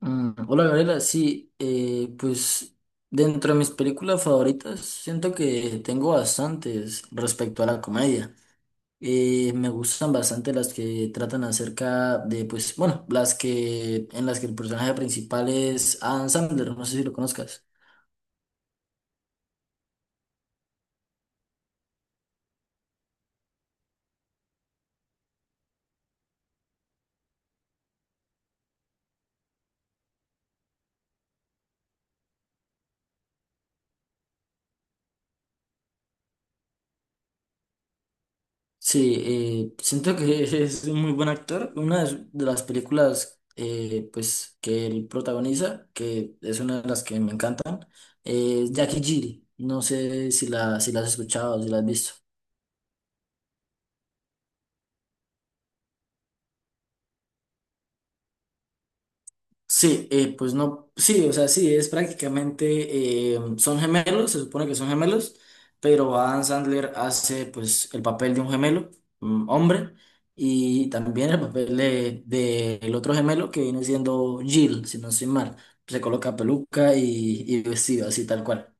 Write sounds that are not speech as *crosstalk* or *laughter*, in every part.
Hola Gabriela, sí, pues dentro de mis películas favoritas siento que tengo bastantes respecto a la comedia. Me gustan bastante las que tratan acerca de, pues, bueno, las que en las que el personaje principal es Adam Sandler, no sé si lo conozcas. Sí, siento que *laughs* es un muy buen actor. De las películas pues, que él protagoniza, que es una de las que me encantan, es Jackie Giri. No sé si si la has escuchado, si la has visto. Sí, pues no, sí, o sea, sí, es prácticamente, son gemelos, se supone que son gemelos, pero Adam Sandler hace pues el papel de un gemelo, mm, hombre, y también el papel de el otro gemelo que viene siendo Jill, si no estoy mal, se coloca peluca y vestido así tal cual.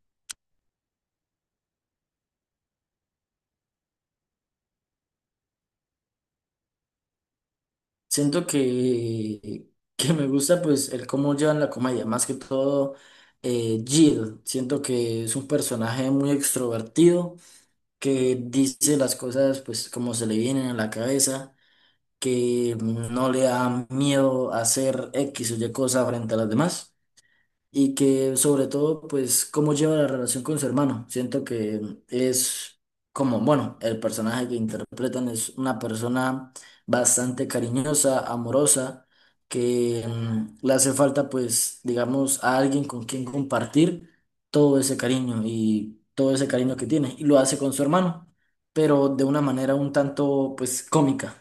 Siento que me gusta pues el cómo llevan la comedia, más que todo Jill, siento que es un personaje muy extrovertido que dice las cosas pues como se le vienen a la cabeza, que no le da miedo hacer X o Y cosa frente a las demás y que sobre todo, pues, cómo lleva la relación con su hermano. Siento que es como, bueno, el personaje que interpretan es una persona bastante cariñosa, amorosa, que le hace falta, pues, digamos, a alguien con quien compartir todo ese cariño y todo ese cariño que tiene, y lo hace con su hermano, pero de una manera un tanto, pues, cómica.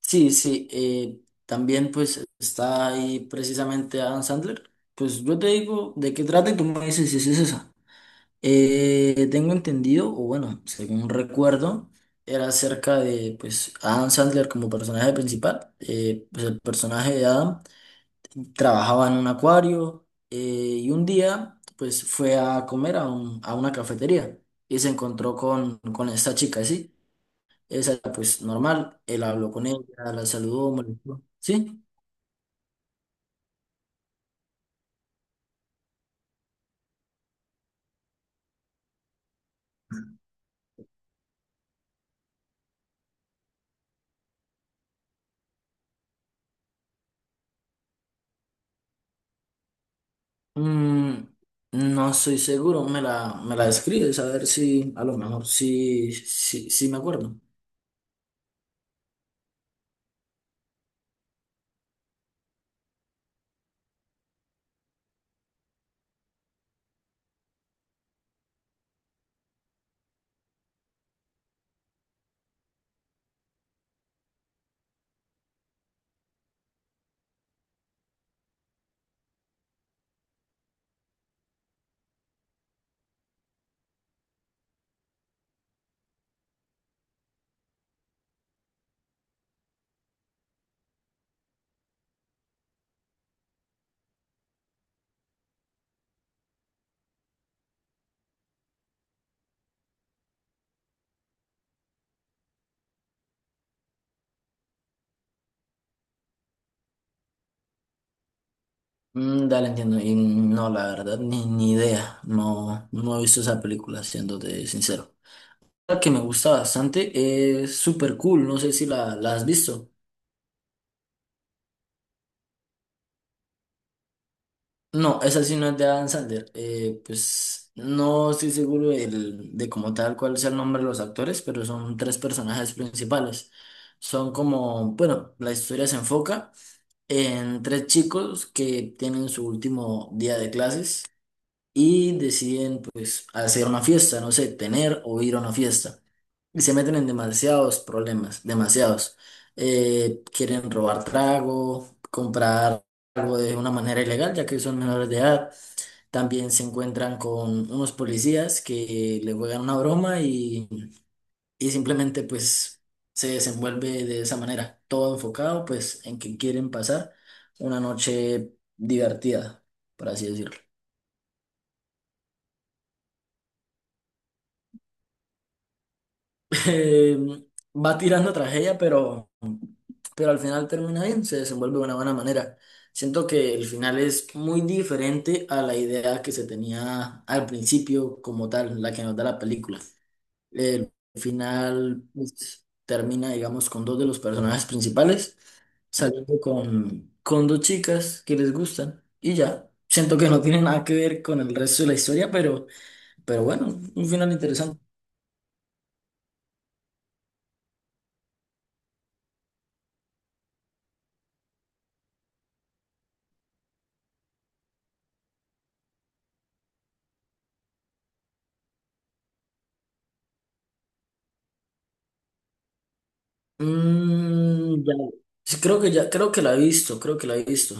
Sí, sí, también pues está ahí precisamente Adam Sandler. Pues yo te digo de qué trata y tú me dices si es esa. Tengo entendido, o bueno, según recuerdo, era acerca de pues Adam Sandler como personaje principal. Pues el personaje de Adam trabajaba en un acuario y un día pues fue a comer a una cafetería y se encontró con esta chica, ¿sí? Esa, pues normal, él habló con ella, la saludó, me la dijo, ¿sí? Mm, no soy seguro, me la describes, a ver si, a lo mejor, sí, sí, sí me acuerdo. Mm, dale, entiendo. Y no, la verdad, ni idea. No, no he visto esa película, siéndote sincero. La que me gusta bastante es Super Cool, no sé si la has visto. No, esa sí no es de Adam Sandler. Pues no estoy seguro de cómo tal cuál sea el nombre de los actores, pero son tres personajes principales. Son como, bueno, la historia se enfoca en tres chicos que tienen su último día de clases y deciden pues hacer una fiesta, no sé, tener o ir a una fiesta. Y se meten en demasiados problemas, demasiados. Quieren robar trago, comprar algo de una manera ilegal, ya que son menores de edad, también se encuentran con unos policías que le juegan una broma y simplemente pues se desenvuelve de esa manera, todo enfocado pues en que quieren pasar una noche divertida, por así decirlo. *laughs* Eh, Va tirando tragedia, pero al final termina bien, se desenvuelve de una buena manera. Siento que el final es muy diferente a la idea que se tenía al principio como tal, la que nos da la película. El final pues, termina, digamos, con dos de los personajes principales saliendo con dos chicas que les gustan y ya. Siento que no tiene nada que ver con el resto de la historia, pero bueno, un final interesante. Mm, ya. Sí, creo que ya, creo que la he visto, creo que la he visto.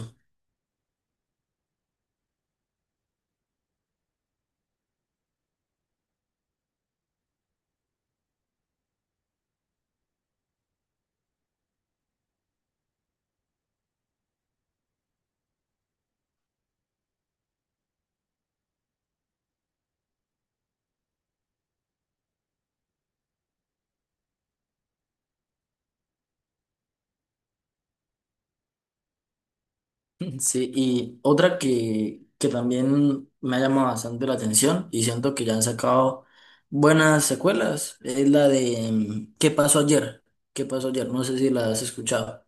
Sí, y otra que también me ha llamado bastante la atención y siento que ya han sacado buenas secuelas es la de mm, ¿qué pasó ayer? ¿Qué pasó ayer? No sé si la has escuchado.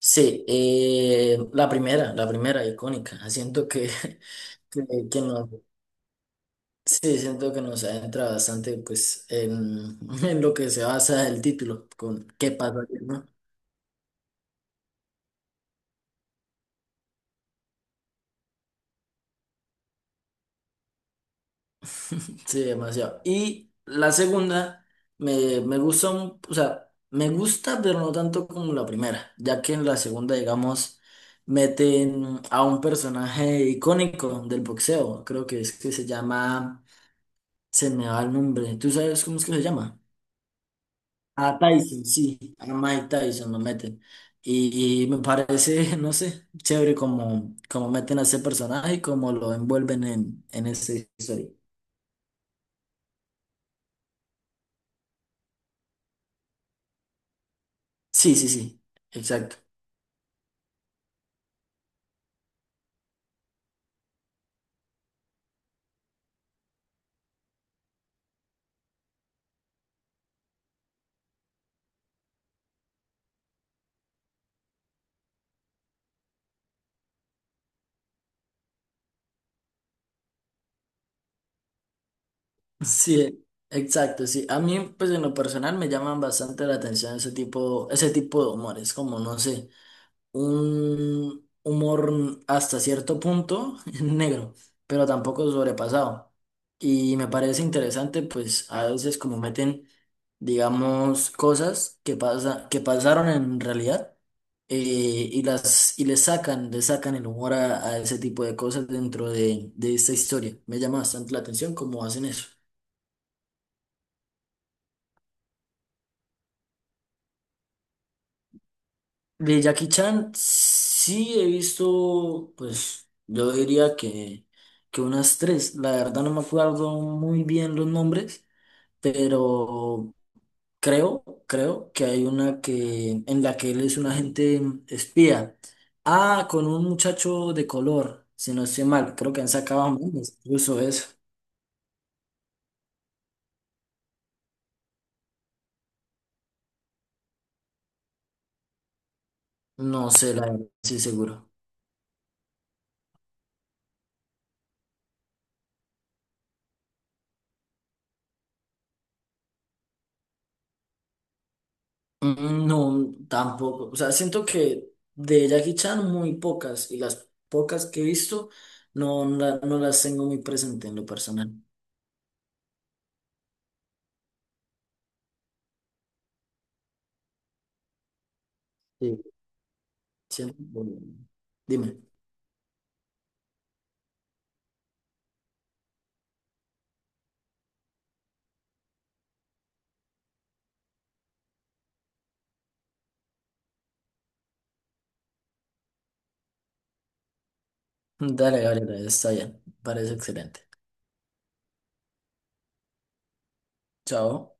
Sí, la primera icónica. Siento que, *laughs* que, que nos, sí, siento que nos adentra bastante pues en, *laughs* en lo que se basa el título con ¿qué pasó ayer?, ¿no? Sí, demasiado. Y la segunda me gusta, o sea, me gusta, pero no tanto como la primera, ya que en la segunda, digamos, meten a un personaje icónico del boxeo, creo que es que se llama, se me va el nombre, ¿tú sabes cómo es que se llama? A Tyson, sí, a Mike Tyson lo meten. Y me parece, *laughs* no sé, chévere como, como meten a ese personaje y como lo envuelven en esa historia. Sí, sí, sí, exacto. Sí, exacto, sí. A mí, pues en lo personal me llaman bastante la atención ese tipo de humores, como no sé, un humor hasta cierto punto *laughs* negro, pero tampoco sobrepasado. Y me parece interesante, pues a veces como meten, digamos, cosas que que pasaron en realidad, eh, y las y le sacan el humor a ese tipo de cosas dentro de esta historia. Me llama bastante la atención cómo hacen eso. De Jackie Chan sí he visto, pues yo diría que unas tres. La verdad no me acuerdo muy bien los nombres, pero creo, creo que hay una que en la que él es un agente espía. Ah, con un muchacho de color, si no estoy mal. Creo que han sacado memes, incluso eso. No sé, la verdad, sí seguro. Mm, no, tampoco. O sea, siento que de Jackie Chan muy pocas y las pocas que he visto no, no las tengo muy presente en lo personal. Sí. Siento... Dime. Dale, Gabriela, está bien. Parece excelente. Chao.